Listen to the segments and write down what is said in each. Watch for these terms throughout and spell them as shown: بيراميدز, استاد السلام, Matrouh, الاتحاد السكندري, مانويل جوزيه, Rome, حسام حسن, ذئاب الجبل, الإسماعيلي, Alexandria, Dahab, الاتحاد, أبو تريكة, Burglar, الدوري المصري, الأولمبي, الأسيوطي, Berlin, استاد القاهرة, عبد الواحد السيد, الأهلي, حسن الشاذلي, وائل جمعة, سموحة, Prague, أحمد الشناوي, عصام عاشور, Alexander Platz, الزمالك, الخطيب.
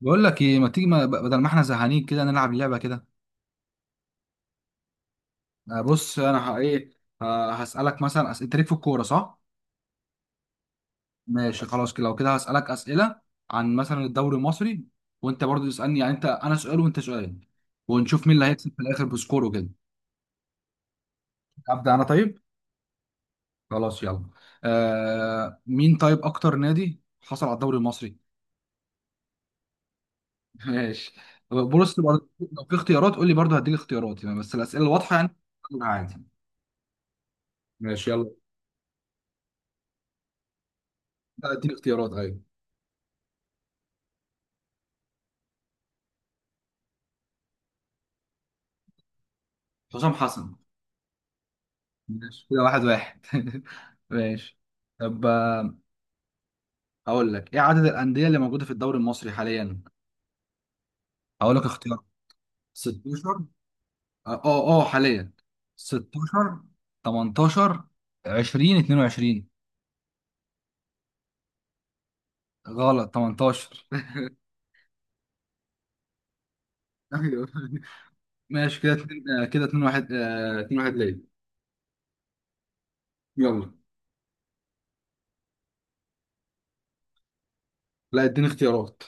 بقول لك ايه، ما تيجي، ما بدل ما احنا زهقانين كده نلعب لعبه كده. بص انا ه- ايه هسالك مثلا اسئله تاريخ في الكوره صح. ماشي خلاص كده، لو كده هسالك اسئله عن مثلا الدوري المصري، وانت برضو تسالني، يعني انت انا سؤال وانت سؤال، ونشوف مين اللي هيكسب في الاخر بسكور وكده. ابدا انا طيب. خلاص يلا. مين طيب اكتر نادي حصل على الدوري المصري؟ ماشي. بص برضو لو في اختيارات قول لي، برضو هديك اختيارات، يعني بس الاسئله الواضحه يعني. عادي. ماشي يلا. لا، اديني اختيارات ايوه. حسام حسن. ماشي كده، واحد واحد. ماشي. طب هقول لك ايه عدد الأندية اللي موجودة في الدوري المصري حاليا. هقول لك اختيار. 16. حاليا. 16، 18، 20، 22. غلط، 18. ايوه. ماشي كده، كده 2 1، 2 1 ليا. يلا. لا، اديني اختيارات.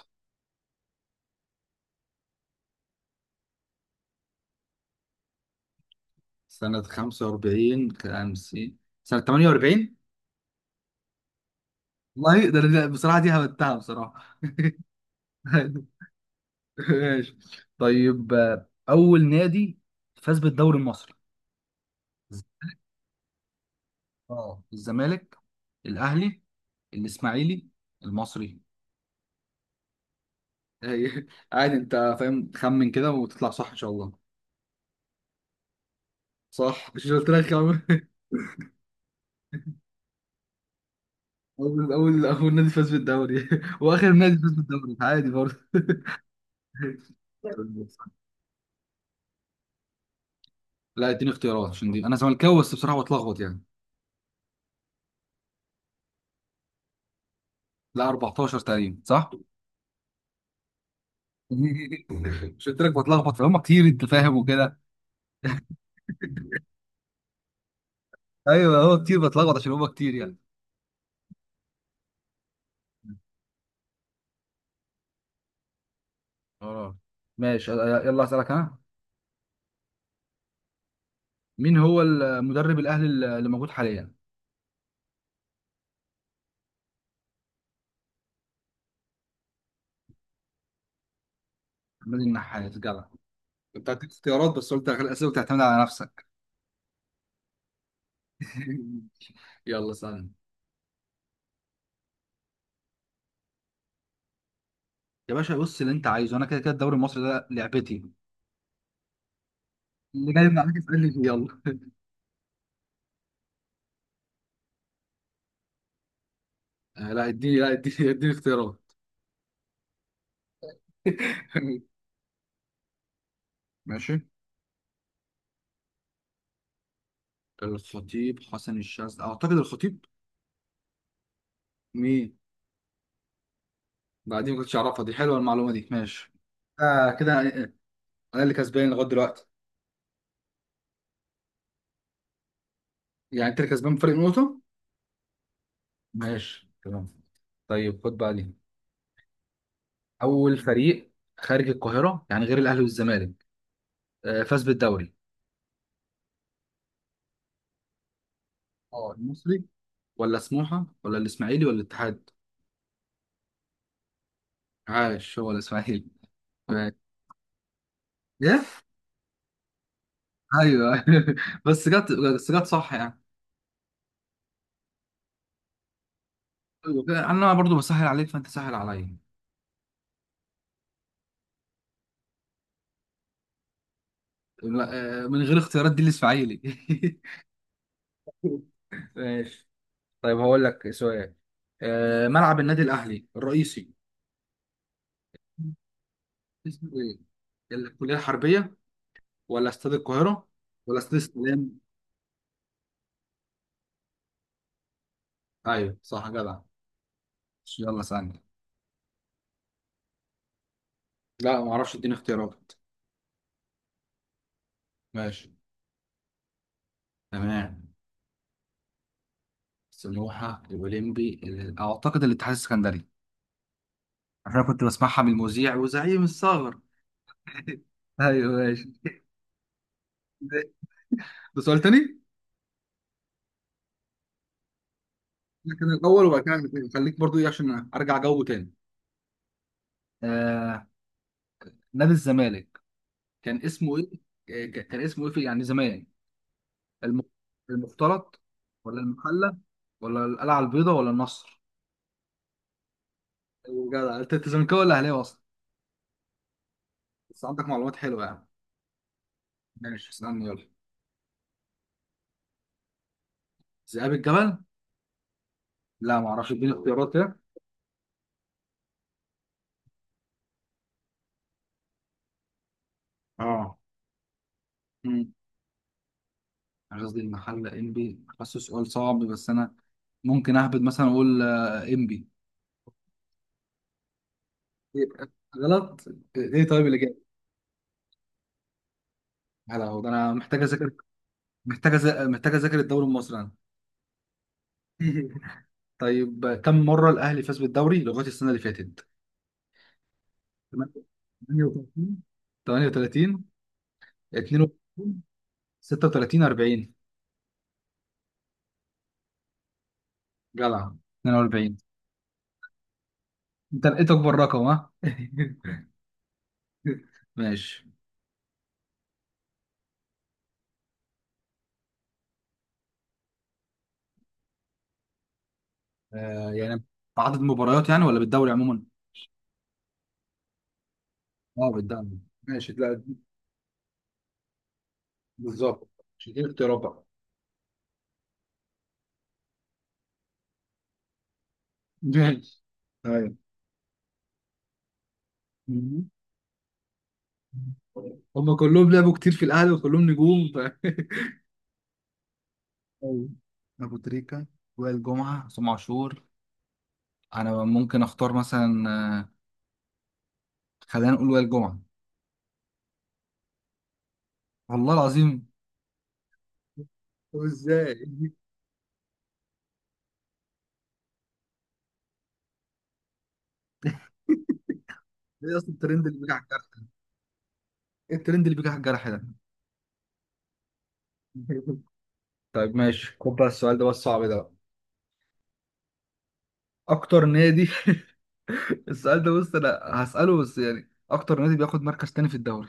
سنة 45، 50. سنة 48. والله بصراحة دي هبتها بصراحة. ماشي. طيب اول نادي فاز بالدوري المصري. اه، الزمالك، الاهلي، الاسماعيلي، المصري. هي- عادي انت فاهم، تخمن كده وتطلع صح ان شاء الله. صح، مش قلت لك خمن؟ اول نادي فاز بالدوري واخر نادي فاز بالدوري عادي برضه. لا، اديني اختيارات، عشان دي انا زملكاوي بس بصراحه بتلخبط يعني. لا، 14 تقريبا صح؟ مش قلت لك بتلخبط؟ فهم كتير انت، فاهم وكده. ايوه هو كتير بتلخبط عشان هما كتير يعني. اه ماشي يلا، اسالك انا. مين هو المدرب الاهلي اللي موجود حاليا؟ عماد النحاس جدع. كنت هديك اختيارات بس قلت اخلي الاسئله وتعتمد على نفسك. يلا سلام. يا باشا بص، اللي انت عايزه، انا كده كده الدوري المصري ده لعبتي. اللي جاي من عليك اسالني فيه يلا. آه لا اديني لا اديني اديني اختيارات. ماشي. الخطيب، حسن الشاذلي، اعتقد الخطيب. مين مين؟ بعدين. ما كنتش اعرفها دي، حلوه المعلومه دي، ماشي. آه كده. انا اللي كسبان لغايه دلوقتي. يعني انت اللي كسبان بفرق نقطه. ماشي تمام. طيب خد بقى دي. اول فريق خارج القاهره، يعني غير الاهلي والزمالك، فاز بالدوري. اه، المصري ولا سموحه ولا الاسماعيلي ولا الاتحاد؟ عاش، هو الاسماعيلي. ماشي. ايه؟ ايوه. بس جت، بس جت صح يعني. أيوة، انا برضو بسهل عليك فانت سهل عليا. لا، من غير اختيارات دي الاسماعيلي. ماشي. طيب هقول لك سؤال. ملعب النادي الاهلي الرئيسي اسمه ايه؟ الكلية الحربية، ولا استاد القاهرة، ولا استاد السلام؟ ايوه صح جدع. يلا ثانية. لا ما اعرفش، اديني اختيارات. ماشي تمام. سموحة، الأولمبي، أعتقد الاتحاد السكندري. عشان كنت بسمعها من المذيع، وزعيم الثغر. ايوه ماشي. ده سؤال تاني؟ ده كان الأول وبعد كده الاثنين. خليك برضو إيه عشان أرجع جو تاني. آه نادي الزمالك كان اسمه إيه؟ كان اسمه إيه في يعني زمان؟ الم- المختلط، ولا المحلة، ولا القلعة البيضاء، ولا النصر؟ أيوة جدع. انت أنت زملكاوي ولا اهلاوي اصلا؟ بس عندك معلومات حلوة يعني. ماشي اسألني يلا. ذئاب الجبل. لا ما اعرفش، اديني اختيارات كده. اه. امم أنا قصدي المحلة، انبي، حاسه سؤال صعب، بس انا ممكن اهبد مثلا اقول انبي. إيه، غلط. ايه طيب اللي جاي. هلا، هو ده، انا محتاج اذاكر. محتاج اذاكر الدوري المصري انا. طيب كم مرة الاهلي فاز بالدوري لغاية السنة اللي فاتت؟ 38، 38، 32، 36، 40. جدع، 42. انت لقيت اكبر رقم ها؟ ماشي. آه يعني، بعدد مباريات يعني ولا بالدوري عموما؟ اه بالدوري. ماشي لا، بالظبط. مش دي اختيارات بقى؟ ماشي. ايوه. مم. هم كلهم لعبوا كتير في الاهلي وكلهم نجوم ف... أيوة. ابو تريكة، وائل جمعة، عصام عاشور. انا ممكن اختار مثلا، آه، خلينا نقول وائل جمعة. والله العظيم. طب ازاي؟ ايه اصلا الترند اللي بيجي على الجرح؟ ايه الترند اللي بيجي على الجرح ده؟ طيب ماشي خد بقى السؤال ده، بس صعب ده بقى. اكتر نادي. السؤال ده بص، انا هسأله بس، يعني اكتر نادي بياخد مركز تاني في الدوري.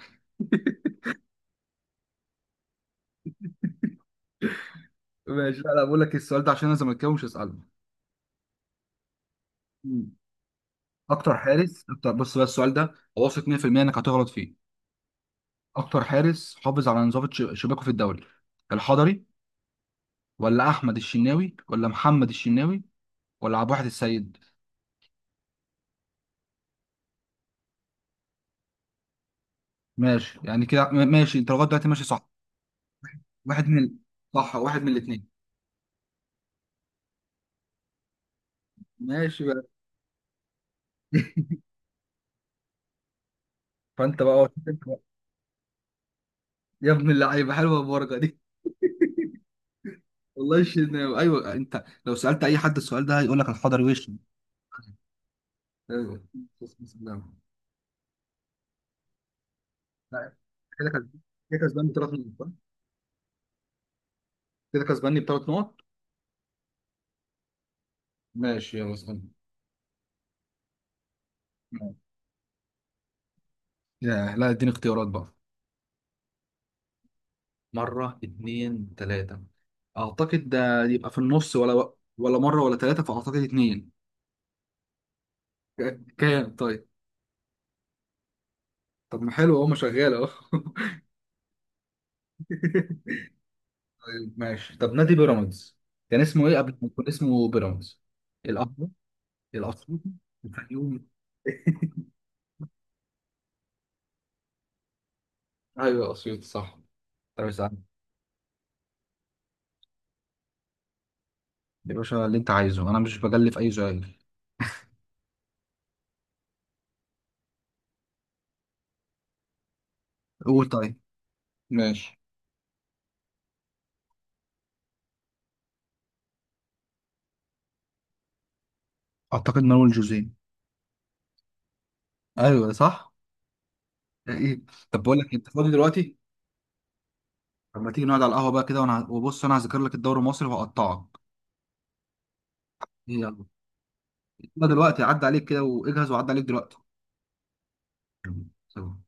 ماشي لا لا، بقول لك السؤال ده عشان انا زملكاوي مش هسأله. مم. اكتر حارس، اكتر بص بقى، السؤال ده واثق 100% انك هتغلط فيه. اكتر حارس حافظ على نظافة شباكه في الدوري؟ الحضري، ولا احمد الشناوي، ولا محمد الشناوي، ولا عبد الواحد السيد؟ ماشي يعني كده ماشي. انت لغايه دلوقتي ماشي صح. واحد من صح واحد من الاثنين. ماشي بقى. فانت بقى شوف انت بقى. يا ابن اللعيبه، حلوه البركه دي. والله ايوه، انت لو سالت اي حد السؤال ده هيقول لك الحضري وش. ايوه. بسم الله. لا، كده كسب- كده كسبان بثلاث نقط صح؟ كده كسباني بثلاث نقط. ماشي يلا اسالني. يا لا، اديني اختيارات بقى. مرة، اتنين، تلاتة. أعتقد ده يبقى في النص، ولا مرة ولا تلاتة، فأعتقد اتنين. كام طيب؟ طب ما حلو اهو، ما شغال اهو. طيب ماشي. طب نادي بيراميدز كان اسمه ايه قبل ما يكون اسمه بيراميدز؟ الأهلي، الأسيوطي، الفيوم. ايوه الأسيوطي صح. طب اسأل. يا باشا اللي انت عايزه، انا مش بجلف اي سؤال. قول طيب. ماشي. اعتقد مانويل جوزيه. ايوه صح. ايه. طب بقول لك، انت فاضي دلوقتي؟ طب ما تيجي نقعد على القهوه بقى كده، وانا وبص، انا هذاكر لك الدوري المصري وهقطعك. يلا. يلا دلوقتي عدى عليك كده واجهز، وعدى عليك دلوقتي. سلام.